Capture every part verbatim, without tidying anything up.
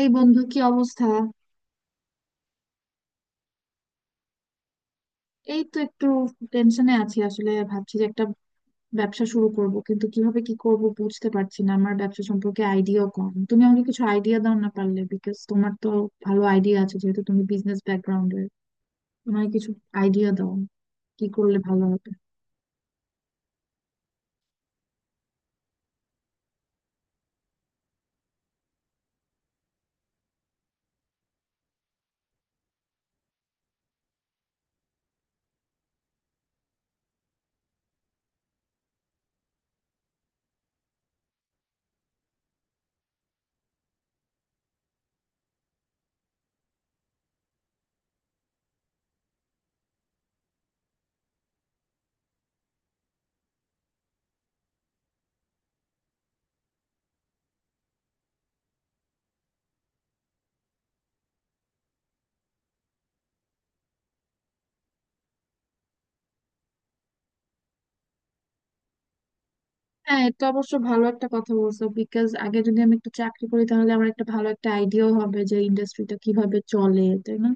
এই বন্ধু, কি অবস্থা? এই তো একটু টেনশনে আছি, আসলে ভাবছি যে একটা ব্যবসা শুরু করব, কিন্তু কিভাবে কি করব বুঝতে পারছি না। আমার ব্যবসা সম্পর্কে আইডিয়াও কম। তুমি আমাকে কিছু আইডিয়া দাও না পারলে, বিকজ তোমার তো ভালো আইডিয়া আছে, যেহেতু তুমি বিজনেস ব্যাকগ্রাউন্ডের। তোমার কিছু আইডিয়া দাও, কি করলে ভালো হবে। হ্যাঁ, এটা অবশ্য ভালো একটা কথা বলছো, বিকজ আগে যদি আমি একটু চাকরি করি তাহলে আমার একটা ভালো একটা আইডিয়াও হবে যে ইন্ডাস্ট্রিটা কিভাবে চলে, তাই না?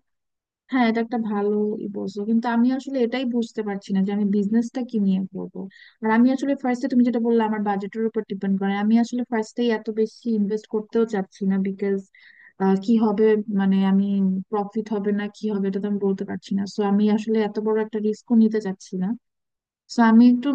হ্যাঁ এটা একটা ভালো ই বলছো, কিন্তু আমি আসলে এটাই বুঝতে পারছি না যে আমি বিজনেসটা কি নিয়ে করবো। আর আমি আসলে ফার্স্টে তুমি যেটা বললে আমার বাজেটের উপর ডিপেন্ড করে, আমি আসলে ফার্স্টেই এত বেশি ইনভেস্ট করতেও চাচ্ছি না, বিকজ কি হবে, মানে আমি প্রফিট হবে না কি হবে এটা তো আমি বলতে পারছি না। সো আমি আসলে এত বড় একটা রিস্কও নিতে চাচ্ছি না। সো আমি একটু।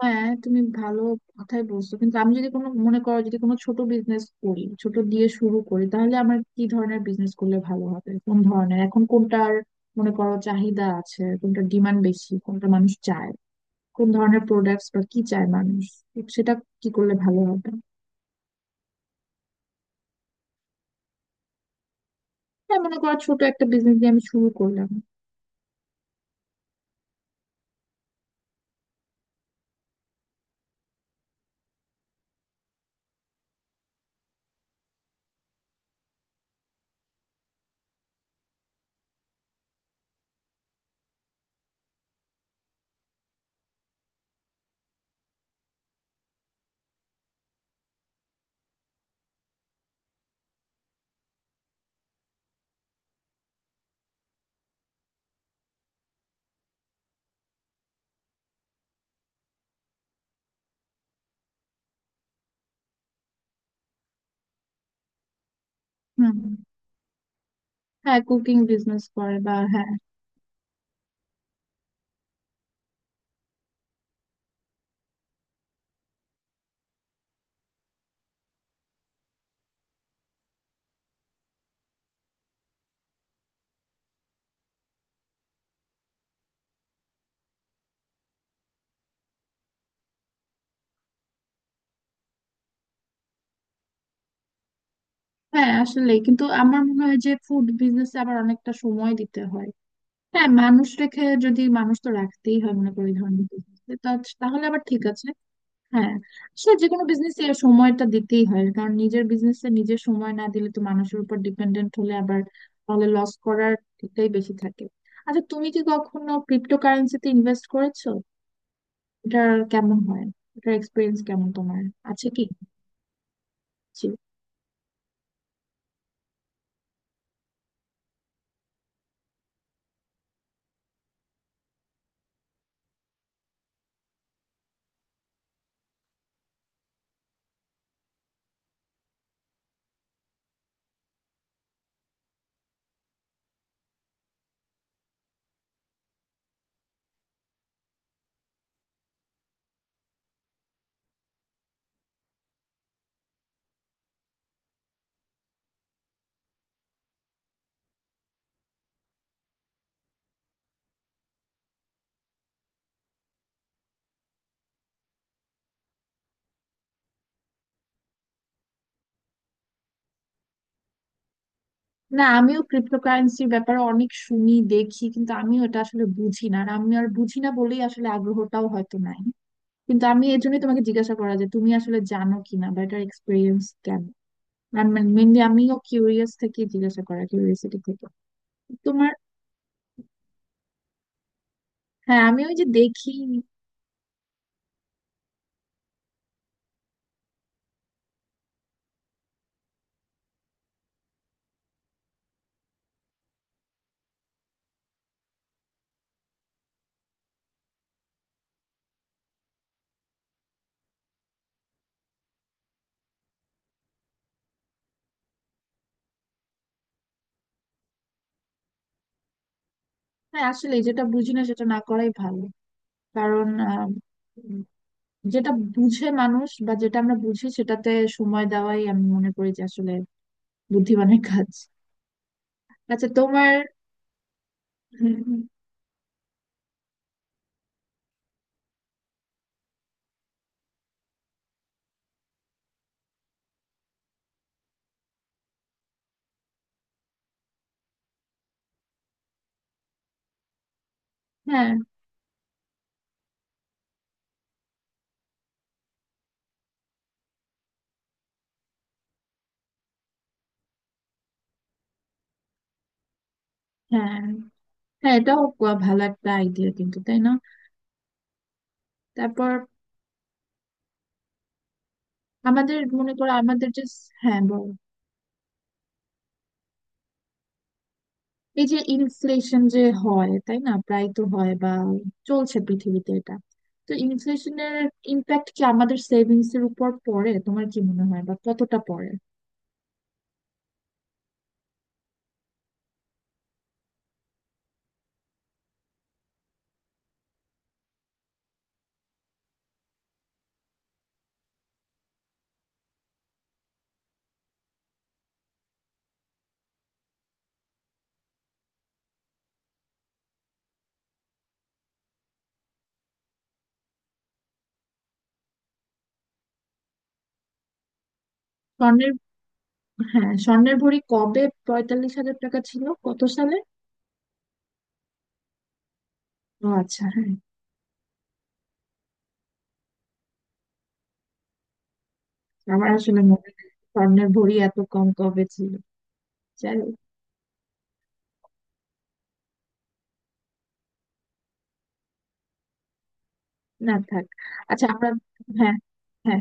হ্যাঁ, তুমি ভালো কথাই বলছো, কিন্তু আমি যদি কোনো, মনে করো, যদি কোনো ছোট বিজনেস করি, ছোট দিয়ে শুরু করি, তাহলে আমার কি ধরনের বিজনেস করলে ভালো হবে? কোন ধরনের এখন কোনটার, মনে করো, চাহিদা আছে, কোনটা ডিমান্ড বেশি, কোনটা মানুষ চায়, কোন ধরনের প্রোডাক্টস বা কি চায় মানুষ? তো সেটা কি করলে ভালো হবে? হ্যাঁ, মনে করো ছোট একটা বিজনেস দিয়ে আমি শুরু করলাম। হুম। হ্যাঁ কুকিং বিজনেস করে, বা হ্যাঁ। হ্যাঁ, আসলে কিন্তু আমার মনে হয় যে ফুড বিজনেস আবার অনেকটা সময় দিতে হয়। হ্যাঁ মানুষ রেখে, যদি মানুষ তো রাখতেই হয় মনে করি এই ধরনের বিজনেসে। তাহলে আবার ঠিক আছে। হ্যাঁ, সে যে কোনো বিজনেসে সময়টা দিতেই হয়, কারণ নিজের বিজনেসে নিজের সময় না দিলে তো মানুষের উপর ডিপেন্ডেন্ট হলে আবার তাহলে লস করার দিকটাই বেশি থাকে। আচ্ছা, তুমি কি কখনো ক্রিপ্টো কারেন্সিতে ইনভেস্ট করেছো? এটা কেমন হয়? এটার এক্সপিরিয়েন্স কেমন তোমার আছে কি? জি। না, আমিও ক্রিপ্টোকারেন্সির ব্যাপারে অনেক শুনি দেখি, কিন্তু আমিও এটা আসলে বুঝি না, আর আমি আর বুঝি না বলেই আসলে আগ্রহটাও হয়তো নাই। কিন্তু আমি এর জন্যই তোমাকে জিজ্ঞাসা করা যে তুমি আসলে জানো কিনা বা এটার এক্সপিরিয়েন্স কেন। মেনলি আমিও কিউরিয়াস থেকে জিজ্ঞাসা করা, কিউরিয়াসিটি থেকে। তোমার। হ্যাঁ, আমি ওই যে দেখি। হ্যাঁ, আসলে যেটা বুঝি না সেটা না করাই ভালো, কারণ আহ, উম, যেটা বুঝে মানুষ বা যেটা আমরা বুঝি সেটাতে সময় দেওয়াই আমি মনে করি যে আসলে বুদ্ধিমানের কাজ। আচ্ছা তোমার। হুম, হুম। হ্যাঁ, হ্যাঁ, হ্যাঁ, এটাও ভালো একটা আইডিয়া কিন্তু, তাই না? তারপর আমাদের, মনে করো, আমাদের যে। হ্যাঁ বলো। এই যে ইনফ্লেশন যে হয় তাই না, প্রায় তো হয় বা চলছে পৃথিবীতে এটা, তো ইনফ্লেশনের ইম্প্যাক্ট কি আমাদের সেভিংস এর উপর পড়ে তোমার কি মনে হয়, বা কতটা পড়ে? স্বর্ণের, হ্যাঁ স্বর্ণের ভরি কবে পঁয়তাল্লিশ হাজার টাকা ছিল, কত সালে? ও আচ্ছা, হ্যাঁ। আমার আসলে মনে নেই স্বর্ণের ভরি এত কম কবে ছিল। যাই হোক। না থাক। আচ্ছা, আমরা। হ্যাঁ, হ্যাঁ,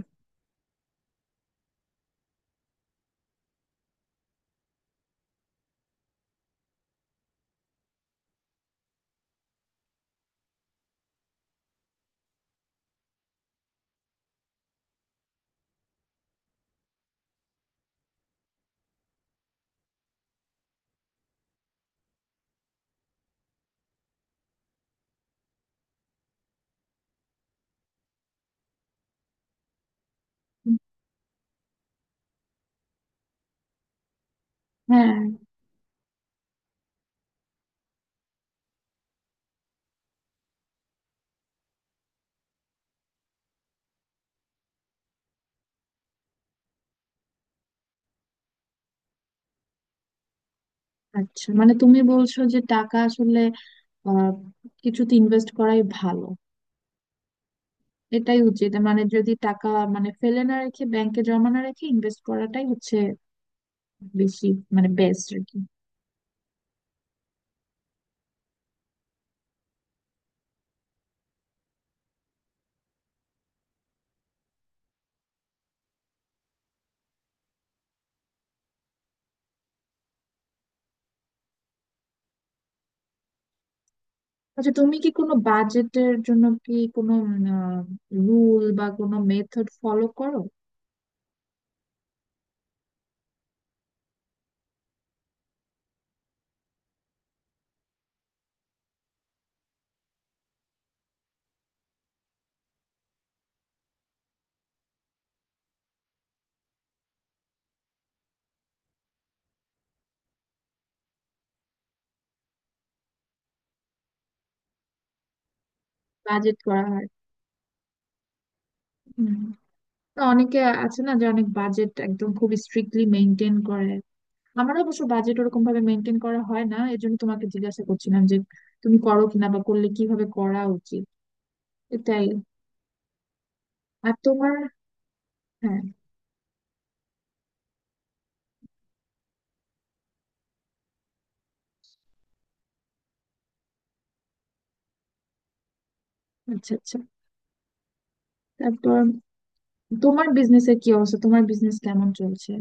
হ্যাঁ। আচ্ছা, মানে তুমি বলছো যে টাকা আসলে আহ কিছুতে ইনভেস্ট করাই ভালো, এটাই উচিত, মানে যদি টাকা, মানে ফেলে না রেখে ব্যাংকে জমা না রেখে ইনভেস্ট করাটাই হচ্ছে বেশি, মানে বেস্ট আর কি। আচ্ছা, তুমি কি কোনো বাজেটের জন্য কি কোনো রুল বা কোনো মেথড ফলো করো? বাজেট করা হয়? হুম। তো অনেকে আছে না যে অনেক বাজেট একদম খুব স্ট্রিক্টলি মেনটেন করে। আমার অবশ্য বাজেট ওরকম ভাবে মেনটেন করা হয় না, এই জন্য তোমাকে জিজ্ঞাসা করছিলাম যে তুমি করো কিনা, বা করলে কিভাবে করা উচিত, এটাই। আর তোমার, হ্যাঁ। আচ্ছা, আচ্ছা। তারপর তোমার বিজনেসের কি অবস্থা, তোমার বিজনেস কেমন চলছে?